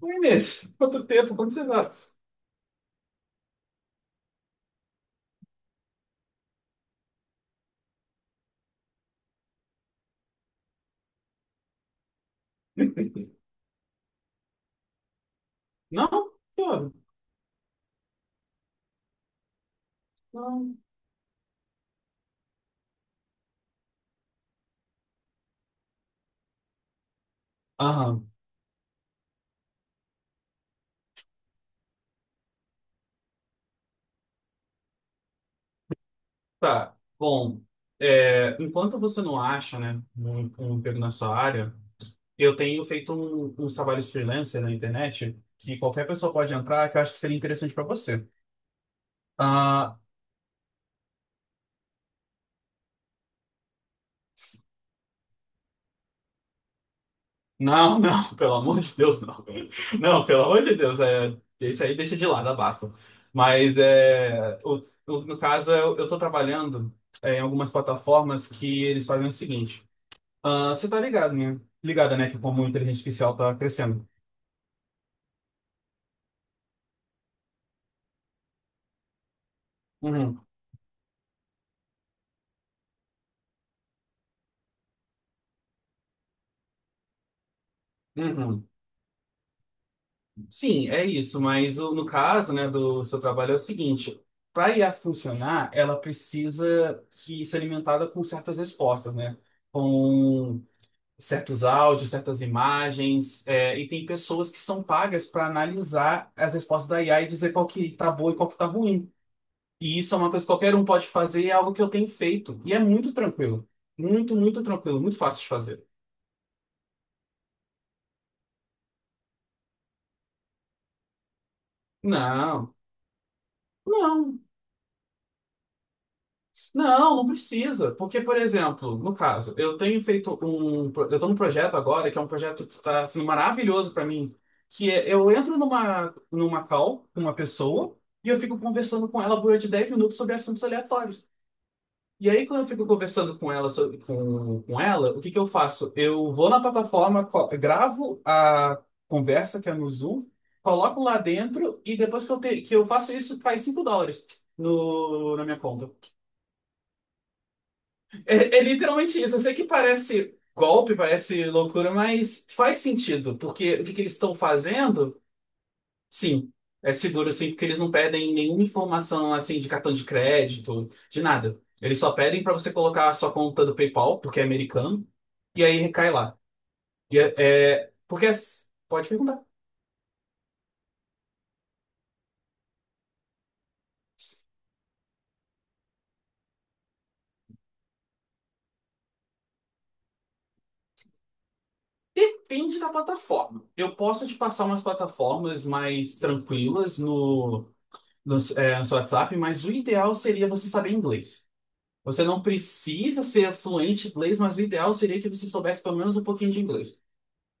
Oi, Inês, quanto tempo, como você tá? Não? Tô, não. Aham, tá. Bom, enquanto você não acha, né, um emprego na sua área, eu tenho feito uns trabalhos freelancer na internet que qualquer pessoa pode entrar, que eu acho que seria interessante para você. Ah, não, não, pelo amor de Deus, não. Não, pelo amor de Deus, isso aí deixa de lado, abafa. Mas é, no caso, eu tô trabalhando em algumas plataformas que eles fazem o seguinte. Ah, você tá ligado, né? Ligada, né? Que como a inteligência artificial tá crescendo. Uhum, uhum. Sim, é isso, mas no caso, né, do seu trabalho é o seguinte. Para I a funcionar, ela precisa que ser alimentada com certas respostas, né? Com certos áudios, certas imagens, e tem pessoas que são pagas para analisar as respostas da IA e dizer qual que tá boa e qual que tá ruim. E isso é uma coisa que qualquer um pode fazer, é algo que eu tenho feito. E é muito tranquilo. Muito, muito tranquilo, muito fácil de fazer. Não, não. Não, não precisa. Porque, por exemplo, no caso, eu tenho feito um. Pro- Eu estou num projeto agora, que é um projeto que está assim, maravilhoso para mim. Que é, eu entro numa call com uma pessoa e eu fico conversando com ela durante 10 minutos sobre assuntos aleatórios. E aí, quando eu fico conversando com ela, com ela, o que que eu faço? Eu vou na plataforma, gravo a conversa que é no Zoom, coloco lá dentro e depois que que eu faço isso, cai 5 dólares no, na minha conta. É, é literalmente isso. Eu sei que parece golpe, parece loucura, mas faz sentido, porque o que que eles estão fazendo? Sim, é seguro sim, porque eles não pedem nenhuma informação assim de cartão de crédito, de nada. Eles só pedem para você colocar a sua conta do PayPal, porque é americano, e aí recai lá. E é, Pode perguntar. Depende da plataforma. Eu posso te passar umas plataformas mais tranquilas no seu WhatsApp, mas o ideal seria você saber inglês. Você não precisa ser fluente em inglês, mas o ideal seria que você soubesse pelo menos um pouquinho de inglês.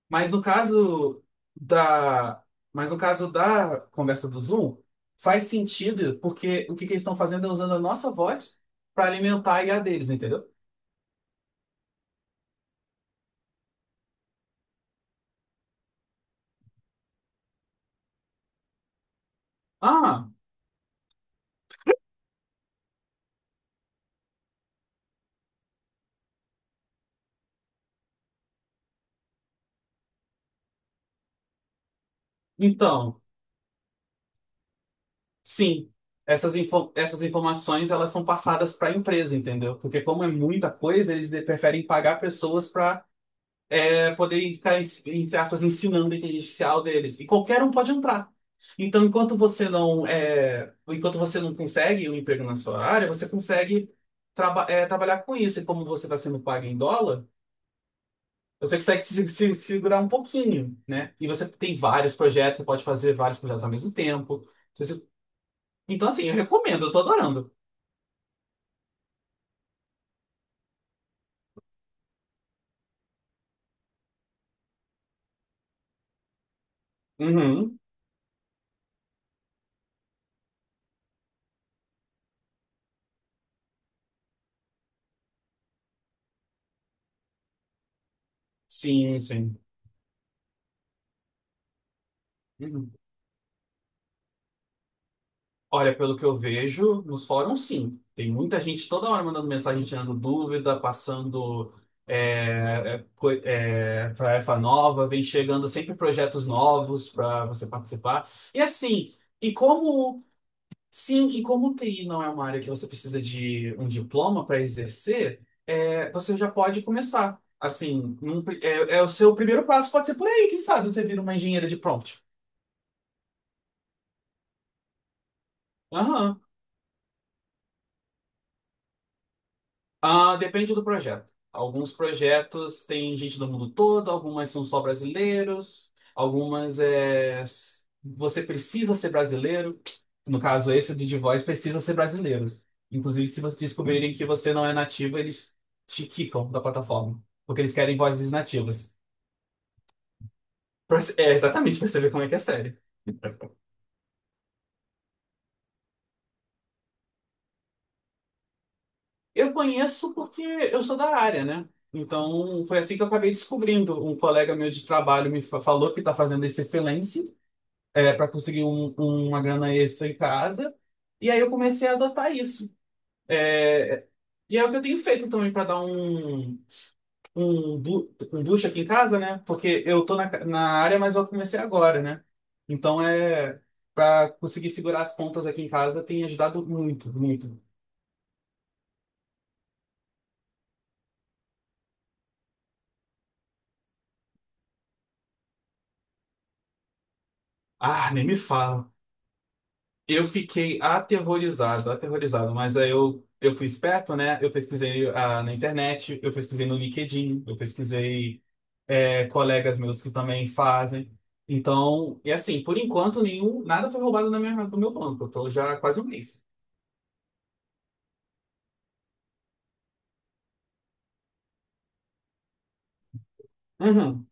Mas no caso da, mas no caso da conversa do Zoom, faz sentido, porque o que que eles estão fazendo é usando a nossa voz para alimentar a IA deles, entendeu? Ah, então, sim. Essas informações elas são passadas para a empresa, entendeu? Porque como é muita coisa, preferem pagar pessoas para poder ficar, entre aspas, ensinando a inteligência artificial deles. E qualquer um pode entrar. Enquanto você não consegue um emprego na sua área, você consegue trabalhar com isso. E como você está sendo pago em dólar, você consegue segurar um pouquinho, né? E você tem vários projetos, você pode fazer vários projetos ao mesmo tempo. Se você- Então, assim, eu recomendo, eu tô adorando. Uhum. Sim, sim. Uhum. Olha, pelo que eu vejo nos fóruns, sim. Tem muita gente toda hora mandando mensagem, tirando dúvida, passando tarefa nova, vem chegando sempre projetos novos para você participar. E assim, e como sim, e como TI não é uma área que você precisa de um diploma para exercer, é, você já pode começar. Assim, é o seu primeiro passo pode ser por aí, quem sabe você vira uma engenheira de prompt. Aham. Ah, depende do projeto. Alguns projetos têm gente do mundo todo, algumas são só brasileiros, você precisa ser brasileiro. No caso, esse do The Voice precisa ser brasileiro. Inclusive, se vocês descobrirem que você não é nativo, eles te quicam da plataforma, porque eles querem vozes nativas. É exatamente para saber como é que é sério. Eu conheço porque eu sou da área, né? Então, foi assim que eu acabei descobrindo. Um colega meu de trabalho falou que está fazendo esse freelance. Para conseguir uma grana extra em casa. E aí eu comecei a adotar isso. É, e é o que eu tenho feito também para dar um boost aqui em casa, né? Porque eu tô na área, mas eu comecei agora, né? Então é para conseguir segurar as pontas aqui em casa tem ajudado muito, muito. Ah, nem me fala. Eu fiquei aterrorizado, aterrorizado, mas aí eu fui esperto, né? Eu pesquisei ah, na internet, eu pesquisei no LinkedIn, eu pesquisei colegas meus que também fazem. Então, e assim, por enquanto, nenhum, nada foi roubado do meu banco. Eu tô já há quase um mês. Uhum,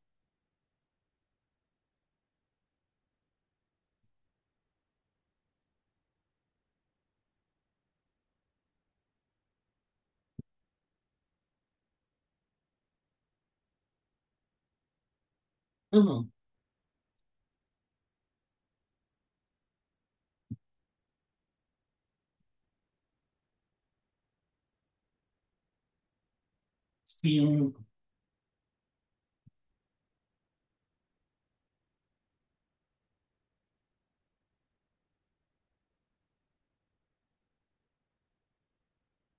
uhum. Sim.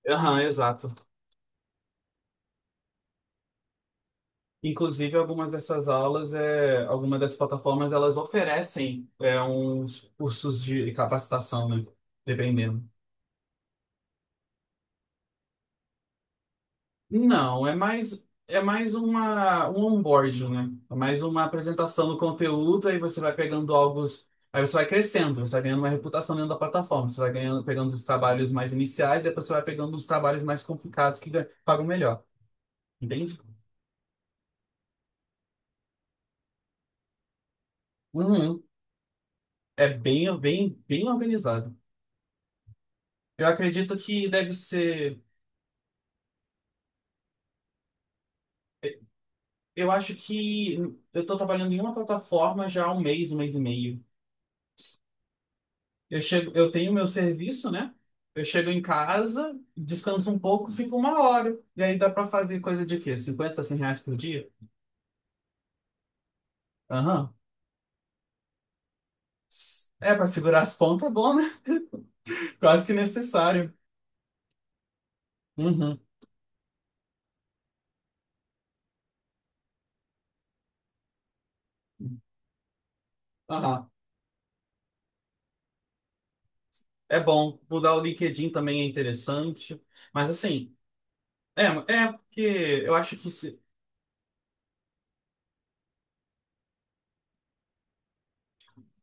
Aham, exato. Inclusive, algumas dessas plataformas, elas oferecem uns cursos de capacitação, né? Dependendo. Não, é mais uma um onboarding, né? É mais uma apresentação do conteúdo, aí você vai pegando algo, aí você vai crescendo, você vai ganhando uma reputação dentro da plataforma, você vai ganhando pegando os trabalhos mais iniciais, depois você vai pegando os trabalhos mais complicados que pagam melhor, entende? Uhum. É bem organizado. Eu acredito que deve ser, eu acho que eu estou trabalhando em uma plataforma já há um mês e meio. Eu chego, eu tenho meu serviço, né? Eu chego em casa, descanso um pouco, fico uma hora. E aí dá pra fazer coisa de quê? Cinquenta, 100 reais por dia? Aham. É, pra segurar as pontas é bom, né? Quase que necessário. Uhum. Aham. É bom. Mudar o LinkedIn também é interessante. Mas assim, é, é porque eu acho que se,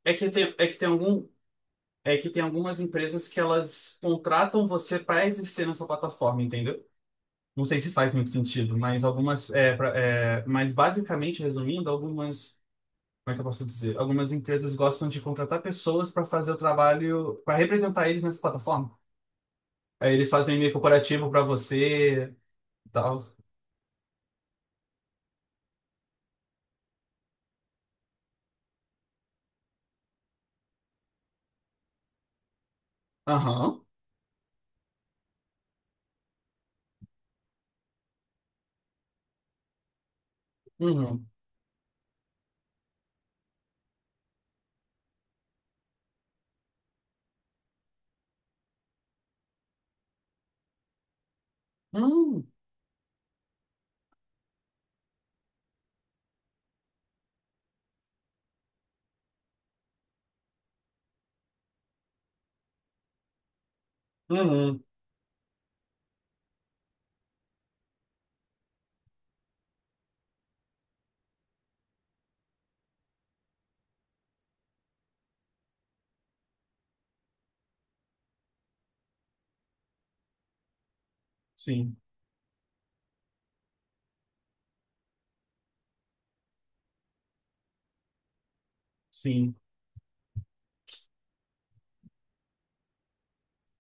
é que tem algumas empresas que elas contratam você para exercer nessa plataforma, entendeu? Não sei se faz muito sentido, mas algumas. Mas basicamente, resumindo, algumas. Como é que eu posso dizer? Algumas empresas gostam de contratar pessoas para fazer o trabalho, para representar eles nessa plataforma. Aí eles fazem um e-mail corporativo para você e tal. Aham. Uhum. Uhum. Uhum. Sim. Sim.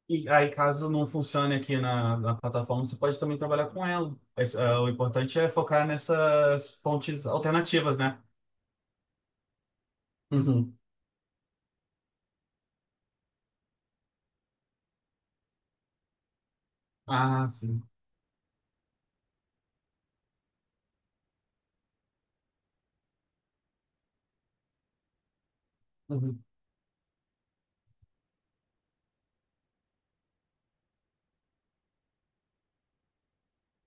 E aí, caso não funcione na plataforma, você pode também trabalhar com ela. Mas, ah, o importante é focar nessas fontes alternativas, né? Uhum. Ah, sim. Uhum.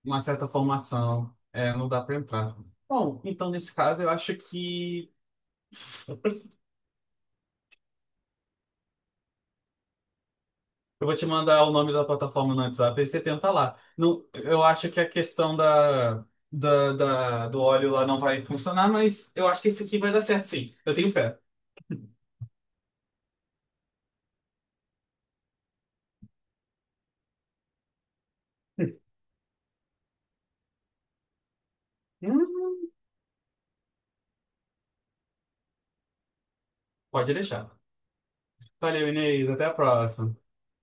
Uma certa formação, é, não dá para entrar. Bom, então nesse caso eu acho que eu vou te mandar o nome da plataforma no WhatsApp e você tenta lá. Não, eu acho que a questão da, da, da- do óleo lá não vai funcionar, mas eu acho que esse aqui vai dar certo sim. Eu tenho fé. Uhum. Pode deixar. Valeu, Inês. Até a próxima.